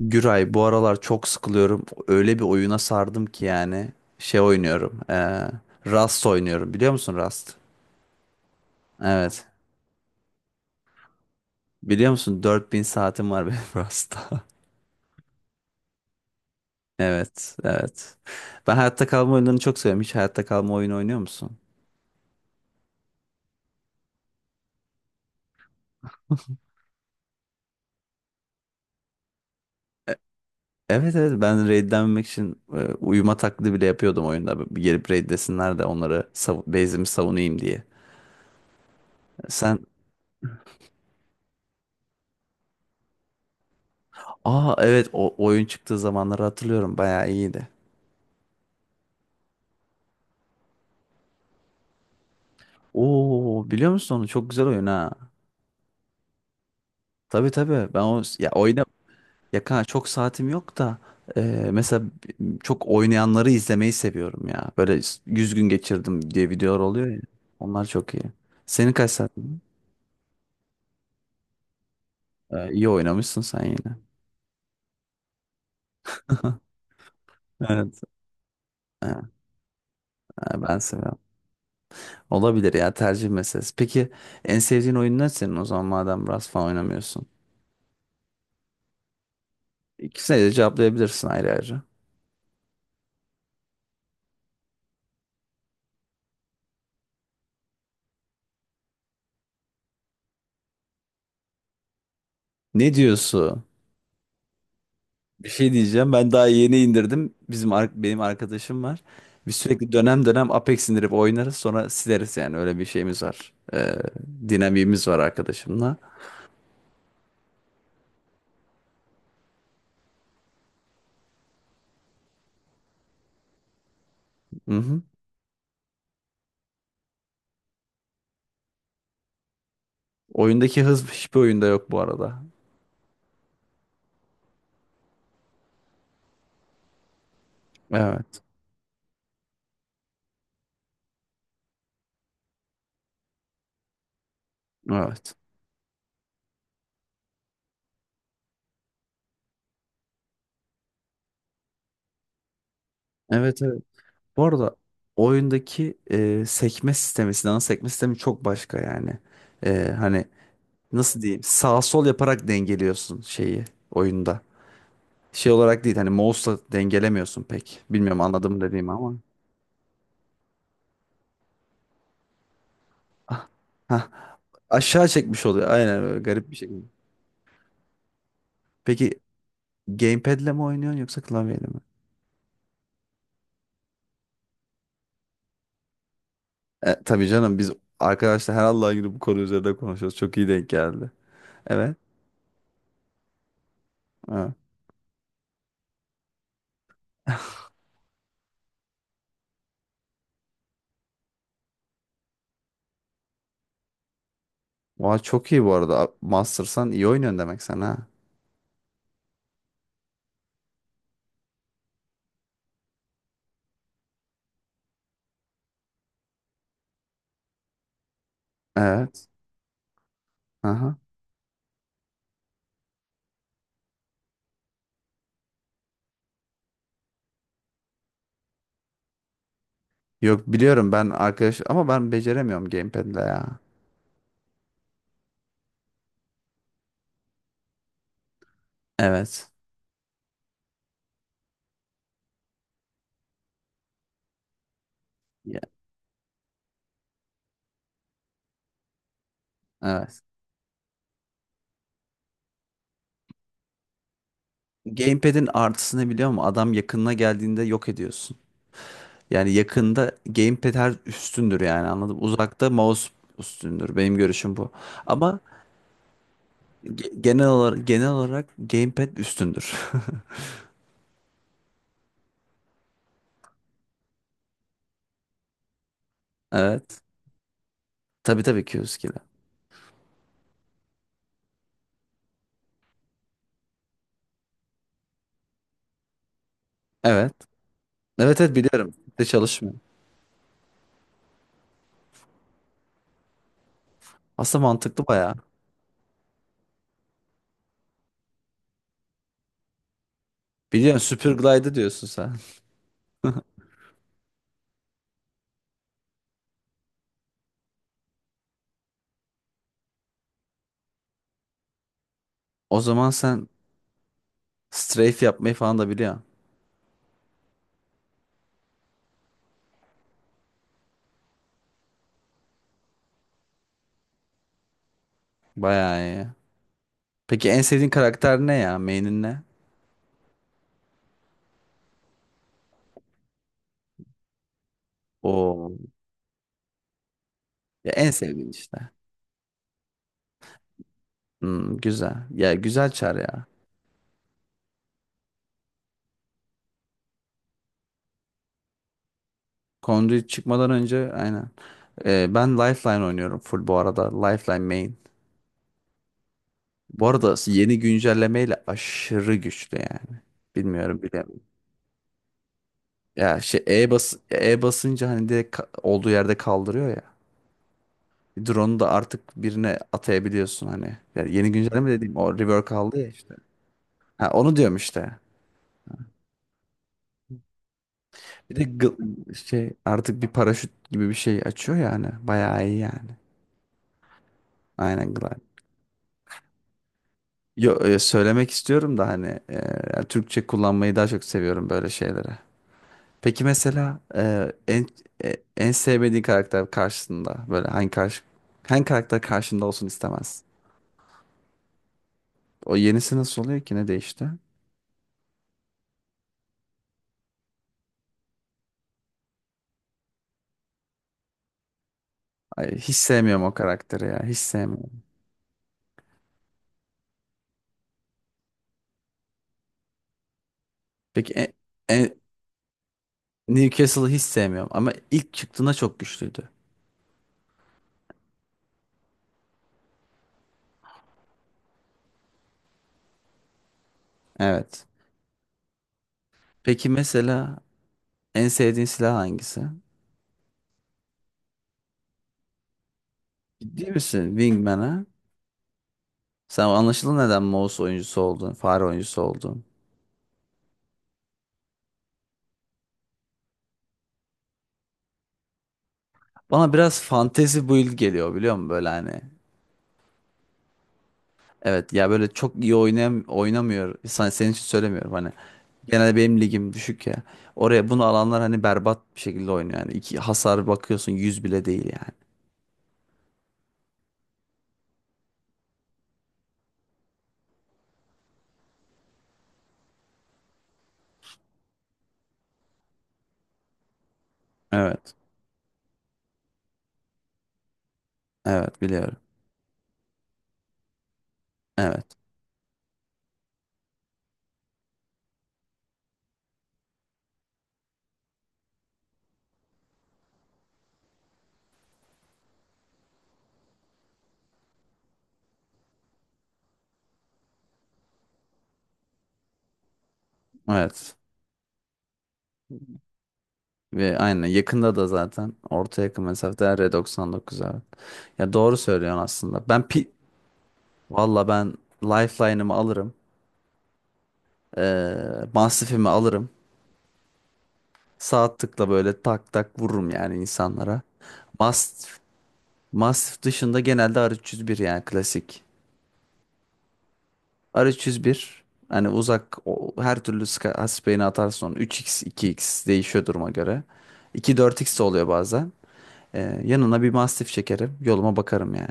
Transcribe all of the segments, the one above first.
Güray bu aralar çok sıkılıyorum. Öyle bir oyuna sardım ki yani. Şey oynuyorum. Rust oynuyorum. Biliyor musun Rust? Evet. Biliyor musun 4.000 saatim var benim Rust'ta. Evet, evet. Ben hayatta kalma oyunlarını çok seviyorum. Hiç hayatta kalma oyunu oynuyor musun? E- Evet, evet, ben raidlenmemek için uyuma taklidi bile yapıyordum oyunda. Bir gelip raidlesinler de onları base'imi savunayım diye. Sen Aa, evet, o oyun çıktığı zamanları hatırlıyorum. Bayağı iyiydi. Oo, biliyor musun onu? Çok güzel oyun ha. Tabii, tabii. Ben o ya oyna Ya kanka çok saatim yok da, e, mesela çok oynayanları izlemeyi seviyorum ya. Böyle 100 gün geçirdim diye videolar oluyor ya. Onlar çok iyi. Senin kaç saatin? İyi oynamışsın sen yine. Evet. Ee, Ben seviyorum. Olabilir ya, tercih meselesi. Peki en sevdiğin oyun ne senin o zaman, madem biraz falan oynamıyorsun? İkisine de cevaplayabilirsin ayrı ayrı. Ne diyorsun? Bir şey diyeceğim. Ben daha yeni indirdim. Benim arkadaşım var. Biz sürekli dönem dönem Apex indirip oynarız. Sonra sileriz yani. Öyle bir şeyimiz var. Dinamiğimiz var arkadaşımla. Hı-hı. Oyundaki hız hiçbir oyunda yok bu arada. Evet. Evet. Evet, evet. Bu arada oyundaki sekme sistemi, silahın sekme sistemi çok başka yani. E, hani nasıl diyeyim? Sağ sol yaparak dengeliyorsun şeyi oyunda. Şey olarak değil, hani mouse'la dengelemiyorsun pek. Bilmiyorum anladım dediğimi ama. Ah, hah. Aşağı çekmiş oluyor. Aynen, böyle garip bir şekilde. Peki gamepad'le mi oynuyorsun yoksa klavyeyle mi? E, tabii canım, biz arkadaşlar her Allah'ın günü bu konu üzerinde konuşuyoruz. Çok iyi denk geldi. Evet. Evet. Vay, çok iyi bu arada. Master'san iyi oynuyorsun demek sen ha. Evet. Aha. Yok, biliyorum ben arkadaş, ama ben beceremiyorum gamepad'le ya. Evet. Ya, evet. Gamepad'in artısını biliyor musun? Adam yakınına geldiğinde yok ediyorsun. Yani yakında gamepad her üstündür, yani anladım. Uzakta mouse üstündür. Benim görüşüm bu. Ama genel olarak gamepad üstündür. Evet. Tabii, tabii, Q-Skill'i. Evet. Evet, evet, biliyorum. De çalışmıyor. Aslında mantıklı bayağı. Biliyorsun, Super Glide diyorsun sen. O zaman sen strafe yapmayı falan da biliyorsun. Bayağı iyi. Peki en sevdiğin karakter ne ya? Main'in ne? O ya, en sevdiğin işte. Hmm, güzel. Ya güzel çar ya. Conduit çıkmadan önce, aynen. Ben Lifeline oynuyorum full bu arada. Lifeline main. Bu arada yeni güncellemeyle aşırı güçlü yani. Bilmiyorum bile. Ya şey, E bas E basınca hani direkt olduğu yerde kaldırıyor ya. Drone'u da artık birine atayabiliyorsun hani. Yani yeni güncelleme dediğim o rework aldı ya işte. Ha, onu diyorum işte. Bir de şey artık bir paraşüt gibi bir şey açıyor yani. Bayağı iyi yani. Aynen. Yo, söylemek istiyorum da hani, yani Türkçe kullanmayı daha çok seviyorum böyle şeylere. Peki mesela en sevmediğin karakter karşısında böyle hangi karakter karşında olsun istemez? O yenisi nasıl oluyor ki, ne değişti? Ay, hiç sevmiyorum o karakteri ya, hiç sevmiyorum. Peki en- Newcastle'ı hiç sevmiyorum ama ilk çıktığında çok güçlüydü. Evet. Peki mesela en sevdiğin silah hangisi? Ciddi misin? Wingman'a? Sen anlaşılan neden mouse oyuncusu oldun, fare oyuncusu oldun. Bana biraz fantasy build geliyor biliyor musun böyle hani. Evet ya, böyle çok iyi oynamıyor. Senin için söylemiyorum hani. Genelde benim ligim düşük ya. Oraya bunu alanlar hani berbat bir şekilde oynuyor. Yani 2 hasar bakıyorsun, yüz bile değil yani. Evet. Evet, biliyorum. Evet. Evet. Ve aynen yakında da zaten orta yakın mesafede R99 abi. Ya doğru söylüyorsun aslında. Ben pi Valla ben lifeline'ımı alırım. Ee, Mastifimi alırım. Sağ tıkla böyle tak tak vururum yani insanlara. Mastif, mastif dışında genelde R301 yani klasik. R301 hani uzak her türlü hasbeyini atarsın onu. 3x 2x değişiyor duruma göre. 2-4x de oluyor bazen. Yanına bir mastif çekerim. Yoluma bakarım yani.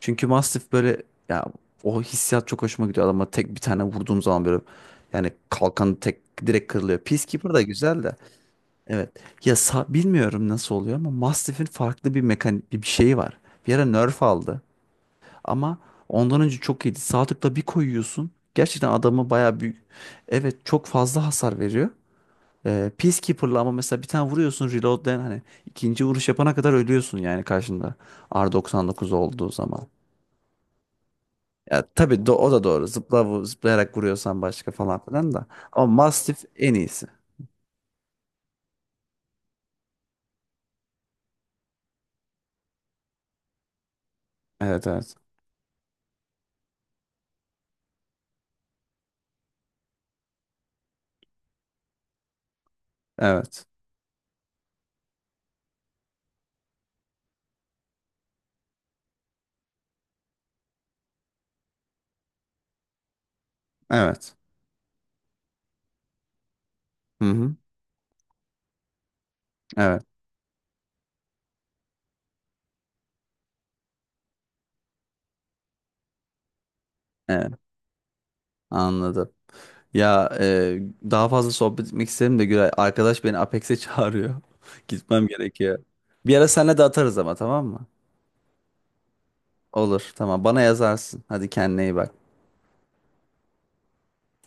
Çünkü mastif böyle ya, o hissiyat çok hoşuma gidiyor. Ama tek bir tane vurduğum zaman böyle, yani kalkanı tek direkt kırılıyor. Peacekeeper da güzel de. Evet. Ya bilmiyorum nasıl oluyor ama Mastiff'in farklı bir mekanik bir şeyi var. Bir ara nerf aldı ama ondan önce çok iyiydi. Sağ tıkla bir koyuyorsun. Gerçekten adamı bayağı büyük. Evet, çok fazla hasar veriyor. Peacekeeper'la ama mesela bir tane vuruyorsun, reload'den hani ikinci vuruş yapana kadar ölüyorsun yani karşında R99 olduğu zaman. Ya tabii, o da doğru. Zıplayarak vuruyorsan başka falan filan da. Ama Mastiff en iyisi. Evet, evet. Evet. Evet. Hı hı. Evet. Evet. Anladım. Ya, daha fazla sohbet etmek isterim de Güray. Arkadaş beni Apex'e çağırıyor. Gitmem gerekiyor. Bir ara senle de atarız ama, tamam mı? Olur, tamam, bana yazarsın. Hadi kendine iyi bak.